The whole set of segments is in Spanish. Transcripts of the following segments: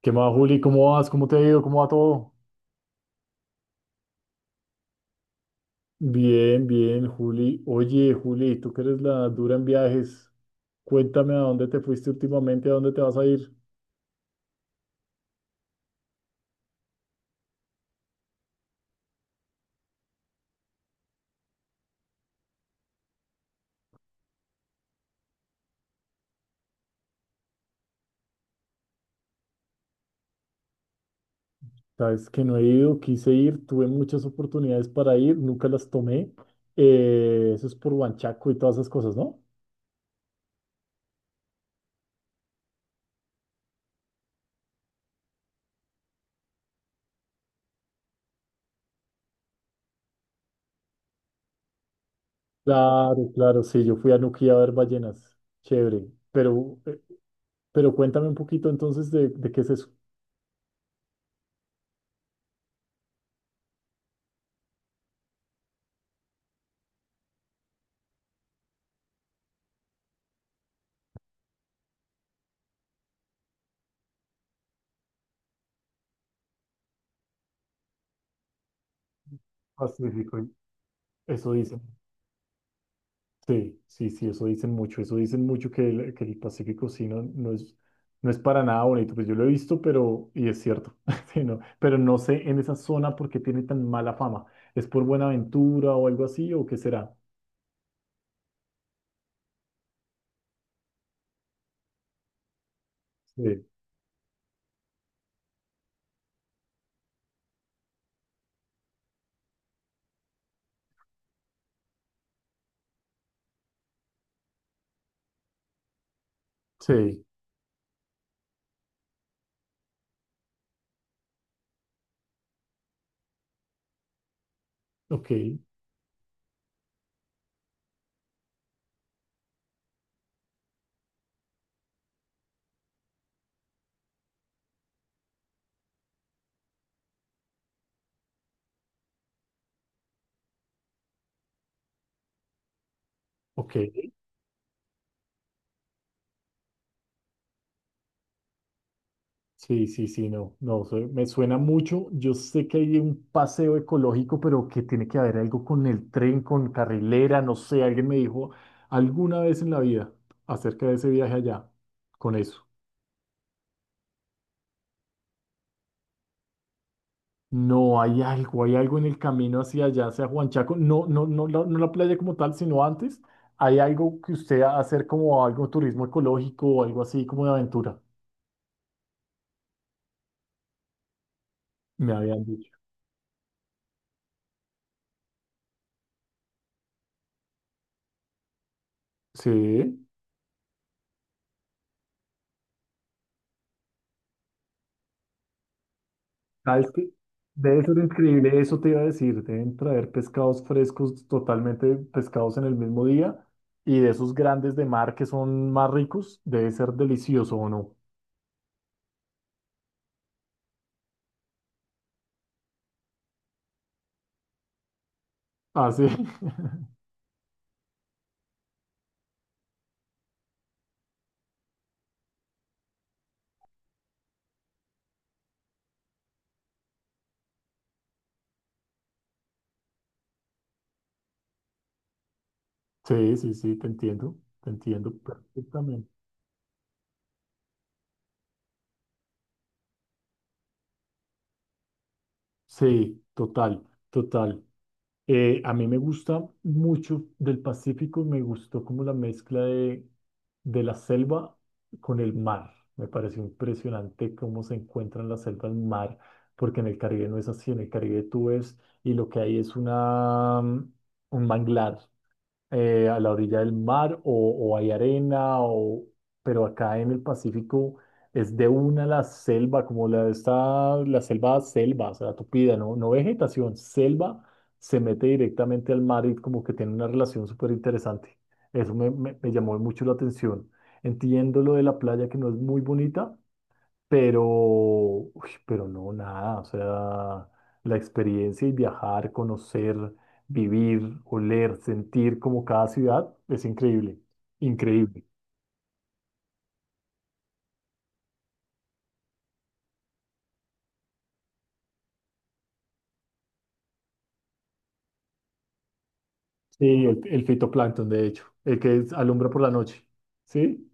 ¿Qué más, Juli? ¿Cómo vas? ¿Cómo te ha ido? ¿Cómo va todo? Bien, bien, Juli. Oye, Juli, tú que eres la dura en viajes, cuéntame a dónde te fuiste últimamente, a dónde te vas a ir. Sabes que no he ido, quise ir, tuve muchas oportunidades para ir, nunca las tomé. Eso es por Huanchaco y todas esas cosas, ¿no? Claro, claro, sí, yo fui a Nuquí a ver ballenas. Chévere. Pero, eh, pero cuéntame un poquito entonces de qué es eso. Pacífico. Eso dicen, sí, sí, sí, eso dicen mucho que el Pacífico sí no, no es, no es para nada bonito, pues yo lo he visto, pero, y es cierto, sí, no, pero no sé en esa zona por qué tiene tan mala fama, ¿es por Buenaventura o algo así o qué será? Sí, sí, ok, ok. Sí, sí, sí, no, no, me suena mucho. Yo sé que hay un paseo ecológico, pero que tiene que haber algo con el tren, con carrilera, no sé, alguien me dijo alguna vez en la vida acerca de ese viaje allá, con eso. No, hay algo en el camino hacia allá, hacia Huanchaco, no, no, no, no la playa como tal, sino antes, hay algo que usted hacer como algo turismo ecológico o algo así como de aventura, me habían dicho. Sí. ¿Sabes qué? Debe ser increíble, eso te iba a decir, deben traer pescados frescos, totalmente pescados en el mismo día, y de esos grandes de mar que son más ricos, debe ser delicioso, ¿o no? Ah, sí. Sí, sí, sí, te entiendo perfectamente. Sí, total, total. A mí me gusta mucho del Pacífico, me gustó como la mezcla de la selva con el mar. Me pareció impresionante cómo se encuentran la selva y el mar, porque en el Caribe no es así, en el Caribe tú ves y lo que hay es una, un manglar a la orilla del mar o hay arena, o, pero acá en el Pacífico es de una la selva, como la está la selva, selva, o sea, tupida, ¿no? No vegetación, selva se mete directamente al mar y como que tiene una relación súper interesante. Eso me llamó mucho la atención. Entiendo lo de la playa que no es muy bonita, pero, uy, pero no, nada, o sea, la experiencia y viajar, conocer, vivir, oler, sentir como cada ciudad es increíble, increíble. Sí, el fitoplancton, de hecho, el que alumbra por la noche, ¿sí?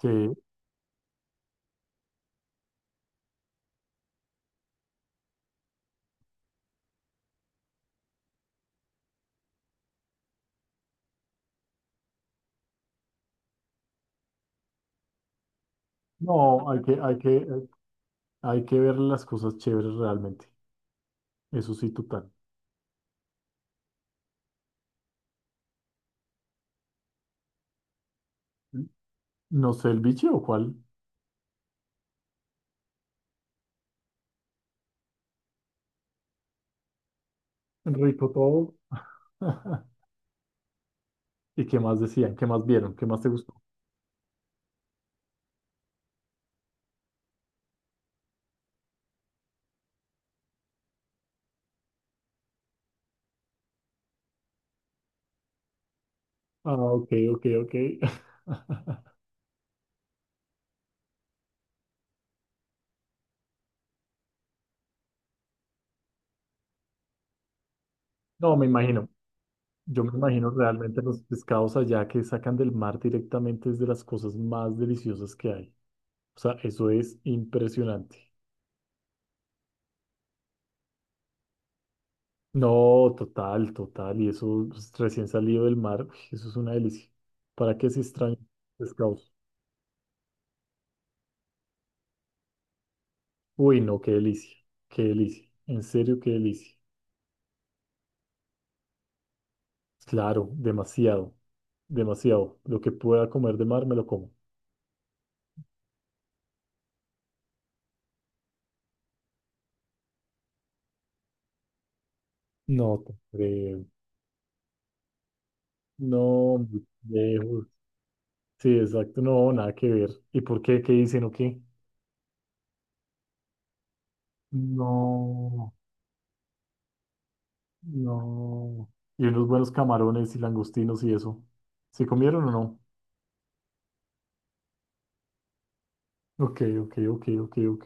Que no, hay que, hay que, hay que ver las cosas chéveres realmente, eso sí, total. No sé, el biche o cuál, rico todo. ¿Y qué más decían? ¿Qué más vieron? ¿Qué más te gustó? Ah, ok, ok, ok. No, me imagino. Yo me imagino realmente los pescados allá que sacan del mar directamente es de las cosas más deliciosas que hay. O sea, eso es impresionante. No, total, total. Y eso pues, recién salido del mar, uy, eso es una delicia. ¿Para qué se extrañan los pescados? Uy, no, qué delicia, qué delicia. En serio, qué delicia. Claro, demasiado, demasiado. Lo que pueda comer de mar me lo como. No, te creo. No, lejos. Sí, exacto, no, nada que ver. ¿Y por qué? ¿Qué dicen o qué? No, no. Y unos buenos camarones y langostinos y eso. ¿Se comieron o no? Ok, ok, ok, ok, ok.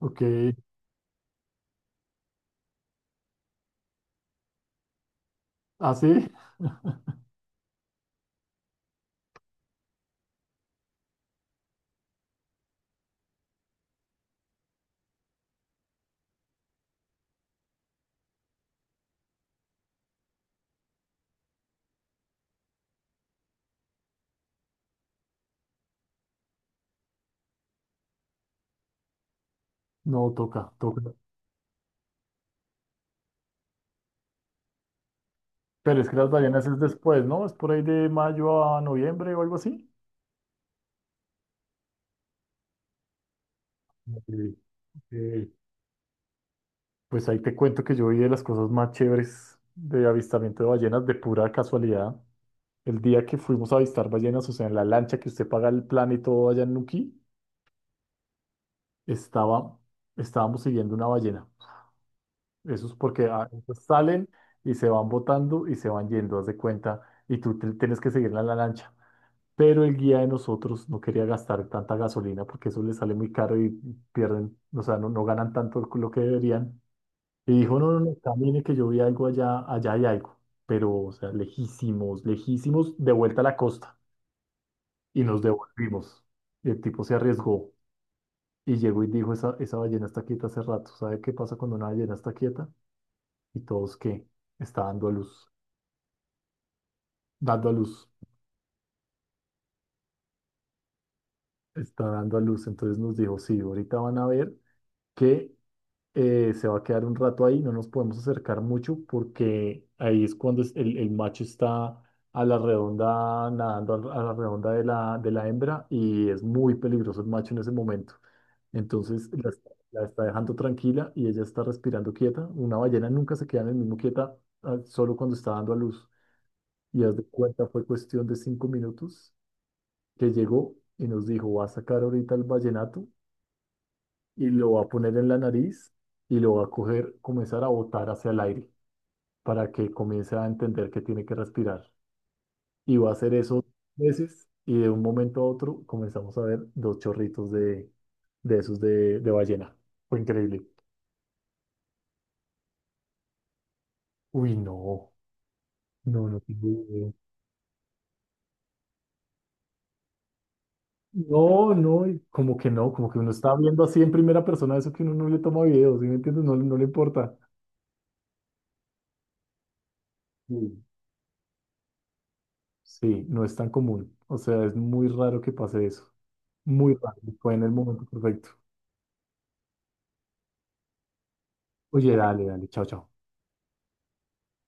Ok. ¿Ah, sí? No, toca, toca. Pero es que las Davianas es después, ¿no? Es por ahí de mayo a noviembre o algo así. Sí, sí. Pues ahí te cuento que yo vi de las cosas más chéveres de avistamiento de ballenas de pura casualidad. El día que fuimos a avistar ballenas, o sea, en la lancha que usted paga el plan y todo allá en Nuquí, estaba, estábamos siguiendo una ballena. Eso es porque ellas salen y se van botando y se van yendo, haz de cuenta, y tienes que seguirla en la lancha. Pero el guía de nosotros no quería gastar tanta gasolina porque eso les sale muy caro y pierden, o sea, no, no ganan tanto lo que deberían. Y dijo, no, no, no, camine que yo vi algo allá, allá hay algo. Pero, o sea, lejísimos, lejísimos, de vuelta a la costa. Y nos devolvimos. Y el tipo se arriesgó y llegó y dijo, esa ballena está quieta hace rato. ¿Sabe qué pasa cuando una ballena está quieta? Y todos, ¿qué? Está dando a luz, está dando a luz. Entonces nos dijo, sí, ahorita van a ver que se va a quedar un rato ahí, no nos podemos acercar mucho porque ahí es cuando el macho está a la redonda, nadando a la redonda de la hembra y es muy peligroso el macho en ese momento. Entonces la, la está dejando tranquila y ella está respirando quieta. Una ballena nunca se queda en el mismo quieta, ah, solo cuando está dando a luz. Y haz de cuenta, fue cuestión de 5 minutos que llegó y nos dijo, va a sacar ahorita el vallenato y lo va a poner en la nariz y lo va a coger, comenzar a botar hacia el aire para que comience a entender que tiene que respirar. Y va a hacer eso veces y de un momento a otro comenzamos a ver dos chorritos de esos de ballena. Fue increíble. Uy, no, no, no tengo video. No, no, y como que no, como que uno está viendo así en primera persona eso que uno no le toma videos, ¿sí me entiendes? No, no le importa. Sí. Sí, no es tan común. O sea, es muy raro que pase eso. Muy rápido, fue en el momento perfecto. Oye, dale, dale, chao, chao.